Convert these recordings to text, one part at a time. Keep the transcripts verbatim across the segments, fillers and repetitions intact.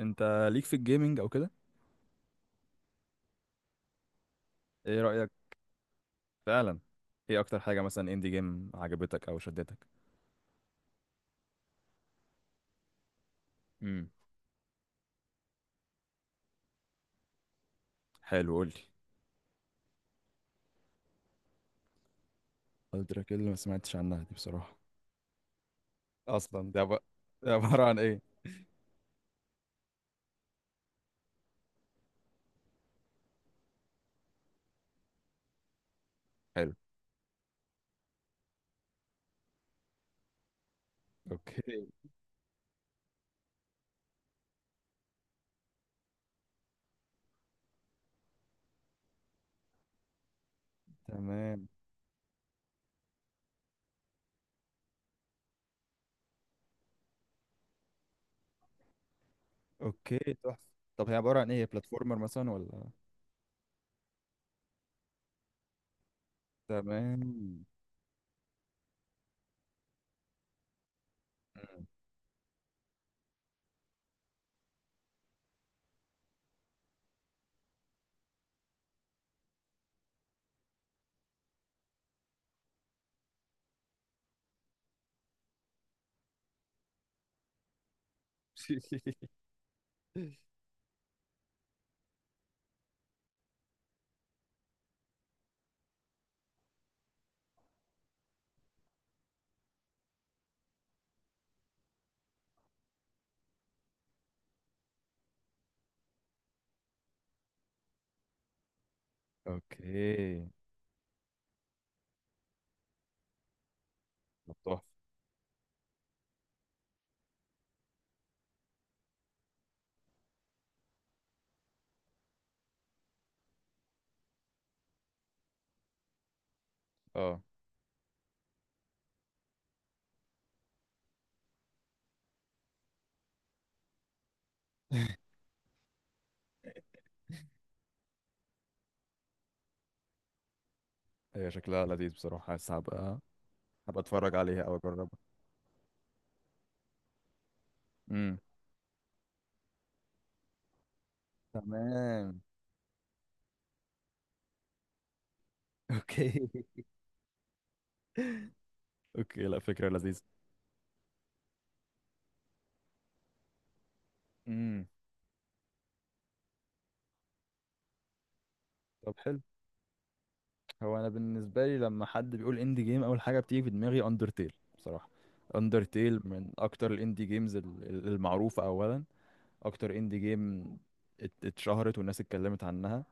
انت ليك في الجيمنج او كده؟ ايه رأيك؟ فعلا. ايه اكتر حاجة مثلا اندي جيم عجبتك او شدتك؟ امم حلو، قول لي. الدراك اللي ما سمعتش عنها دي بصراحة. اصلا ده بقى هي عبارة عن ايه؟ حلو. اوكي. تمام. اوكي. تحفة. طب هي عبارة عن ايه؟ بلاتفورمر مثلا ولا؟ تمام. اوكي. طب تحفة. اه. هي شكلها لذيذ بصراحة، بس هبقى هبقى اتفرج عليها او اجربها. امم تمام. اوكي. اوكي، لا فكرة لذيذة. امم طب حلو. هو انا بالنسبه لي لما حد بيقول اندي جيم، اول حاجه بتيجي في دماغي اندرتيل بصراحه. اندرتيل من اكتر الاندي جيمز ال- ال- المعروفه. اولا اكتر اندي جيم ات- اتشهرت والناس اتكلمت عنها.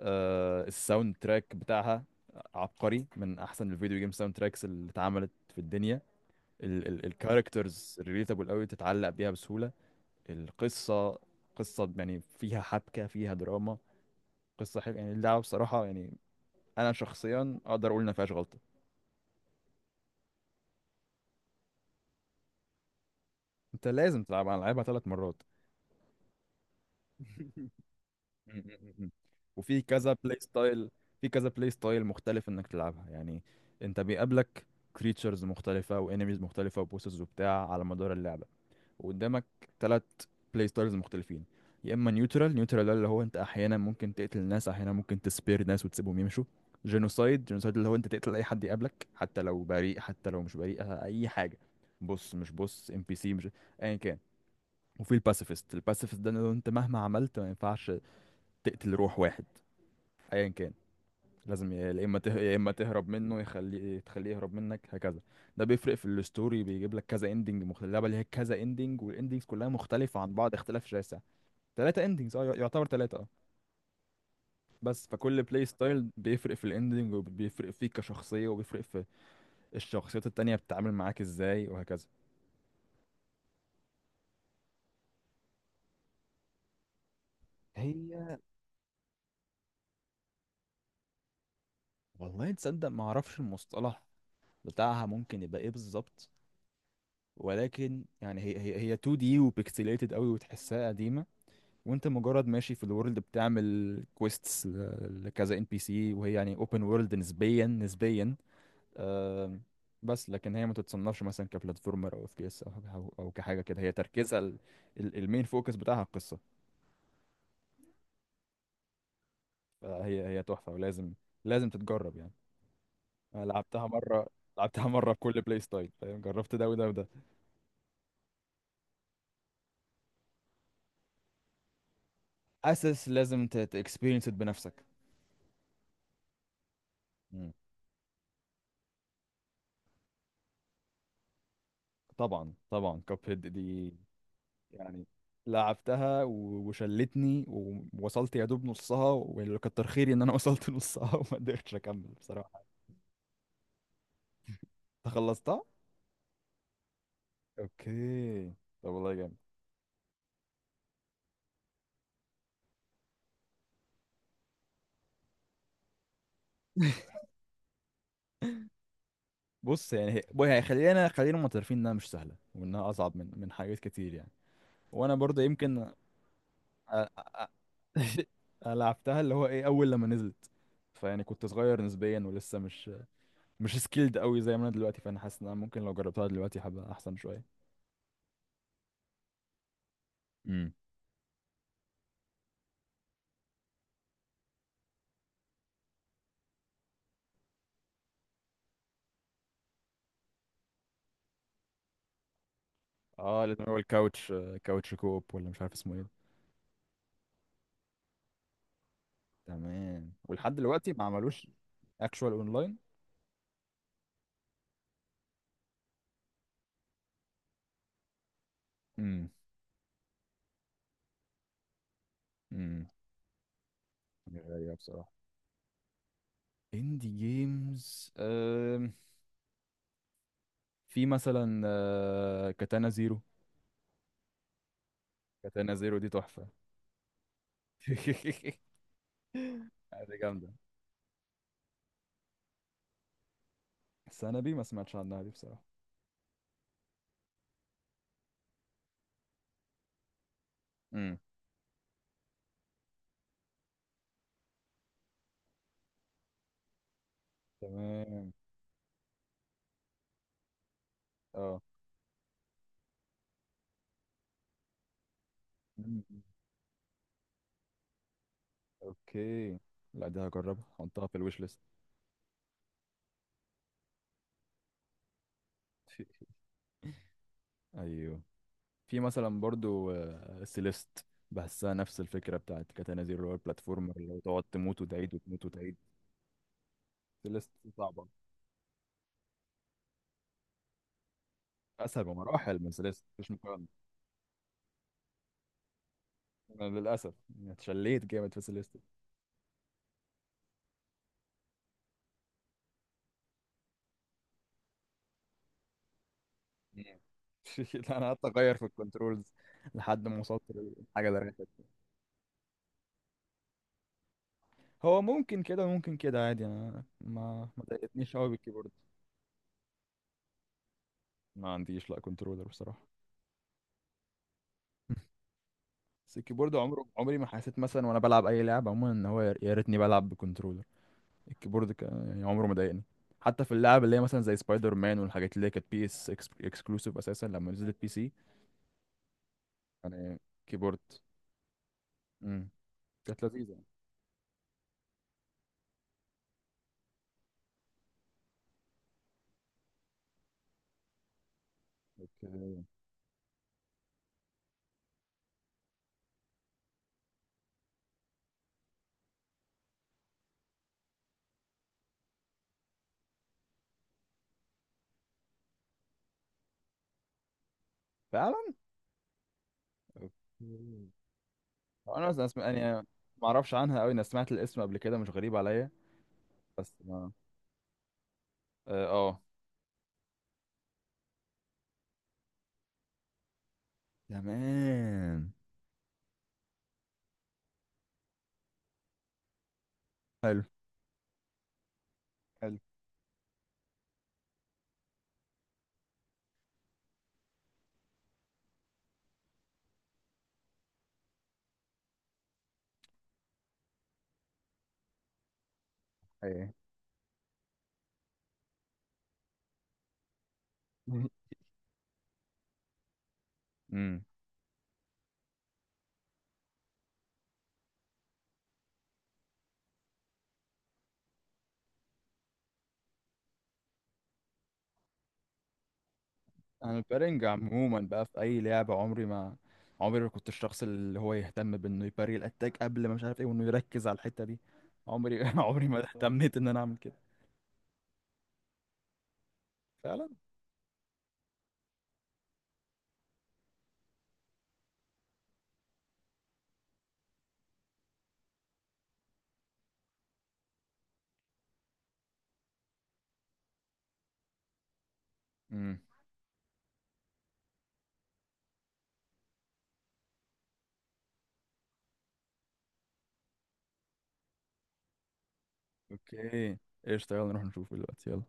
آه الساوند تراك بتاعها عبقري، من احسن الفيديو جيم ساوند تراكس اللي اتعملت في الدنيا. ال ال الكاركترز ريليتابل قوي، تتعلق بيها بسهوله. القصه، قصه يعني فيها حبكه، فيها دراما، قصه حلوه يعني. اللعبه بصراحه يعني انا شخصيا اقدر اقول ان ما فيهاش غلطه. انت لازم تلعبها، انا لعبها ثلاث مرات. وفي كذا بلاي ستايل، في كذا بلاي ستايل مختلف انك تلعبها يعني. انت بيقابلك كريتشرز مختلفة وانيميز مختلفة وبوسز وبتاع على مدار اللعبة، وقدامك ثلاث بلاي ستايلز مختلفين. يا اما نيوترال، نيوترال ده اللي هو انت احيانا ممكن تقتل ناس، احيانا ممكن تسبير ناس وتسيبهم يمشوا. جينوسايد، جينوسايد اللي هو انت تقتل اي حد يقابلك، حتى لو بريء حتى لو مش بريء، آه، اي حاجه. بص مش بص ام بي سي مش ايا كان. وفي الباسيفيست، الباسيفيست ده اللي هو انت مهما عملت ما ينفعش تقتل روح واحد ايا كان. لازم يا يا اما ته... يا اما تهرب منه، يخليه تخليه يهرب منك، هكذا. ده بيفرق في الستوري، بيجيب لك كذا اندنج مختلف. اللعبه اللي هي كذا اندنج والاندنجز كلها مختلفه عن بعض اختلاف شاسع. ثلاثه اندنجز، اه يعتبر ثلاثه اه. بس فكل بلاي ستايل بيفرق في الاندنج، وبيفرق فيك كشخصيه، وبيفرق في الشخصيات التانية بتتعامل معاك ازاي وهكذا. هي والله تصدق ما اعرفش المصطلح بتاعها ممكن يبقى ايه بالظبط، ولكن يعني هي هي هي تو دي وبيكسليتد قوي وتحسها قديمه. وانت مجرد ماشي في الورلد بتعمل كويستس لكذا ان بي سي، وهي يعني اوبن وورلد نسبيا، نسبيا. آم، بس لكن هي ما تتصنفش مثلا كبلاتفورمر او اف بي اس او او أو كحاجه كده. هي تركيزها ال- ال المين فوكس بتاعها القصه. فهي هي تحفه، ولازم لازم تتجرب يعني. أنا لعبتها مره، لعبتها مره بكل بلاي ستايل فاهم، جربت ده وده وده. اساس لازم تكسبيرينس بنفسك. مم. طبعا طبعا، كاب هيد دي يعني لعبتها و- وشلتني، ووصلت يا دوب نصها، واللي كتر خيري ان انا وصلت نصها وما قدرتش اكمل بصراحة. انت خلصتها؟ اوكي. طب والله جامد. بص يعني هي بقى، هي خلينا خلينا معترفين انها مش سهله، وانها اصعب من من حاجات كتير يعني. وانا برضه يمكن أ- لعبتها اللي هو ايه اول لما نزلت، فيعني كنت صغير نسبيا ولسه مش مش سكيلد قوي زي ما انا دلوقتي. فانا حاسس ان انا ممكن لو جربتها دلوقتي هبقى احسن شويه. اه لازم، هو الكاوتش كاوتش كوب، ولا مش عارف اسمه ايه. تمام، ولحد دلوقتي ما عملوش اكشوال اونلاين. امم امم غريبة بصراحة. اندي جيمز آم، في مثلا آه، كاتانا زيرو. كاتانا زيرو دي تحفة. دي جامدة، بس انا دي ما سمعتش عنها دي بصراحة. امم تمام. اه. مم. اوكي لا، دي هجربها، حطها في الويش ليست. ايوه. في مثلا برضو آه، سيليست. بحسها نفس الفكرة بتاعت كاتانا زيرو اللي هو البلاتفورمر، اللي هو تقعد تموت وتعيد وتموت وتعيد. سيليست صعبة، أسهل بمراحل من سيليست مفيش مقارنة. أنا للأسف يعني اتشليت جامد في سيليست. مم. أنا قعدت أغير في الكنترولز لحد ما وصلت للحاجة اللي ريحت. هو ممكن كده، ممكن كده عادي، أنا ما ما ضايقتنيش قوي بالكيبورد. ما عنديش لا كنترولر بصراحة. بس الكيبورد عمره عمري ما حسيت مثلا وأنا بلعب أي لعبة عموما إن هو يا ريتني بلعب بكنترولر. الكيبورد ك... يعني عمره ما ضايقني. حتى في اللعب اللي هي مثلا زي سبايدر مان والحاجات اللي هي كانت بي اس اكسكلوسيف اساسا لما نزلت بي سي. يعني كيبورد، امم كانت لذيذه. أوكي. فعلا. مم. انا أصلاً اسم... يعني ما اعرفش عنها قوي، انا سمعت الاسم قبل كده، مش غريب عليا. بس ما اه آه. تمام. حلو حلو. ايه. امم انا البارينج عموما بقى في اي لعبه عمري ما عمري ما كنت الشخص اللي هو يهتم بانه يباري الاتاك قبل ما مش عارف ايه، وانه يركز على الحته دي. عمري عمري ما اهتميت ان انا اعمل كده. فعلا. امم اوكي، ايش تعال نروح نشوفه دلوقتي، يلا.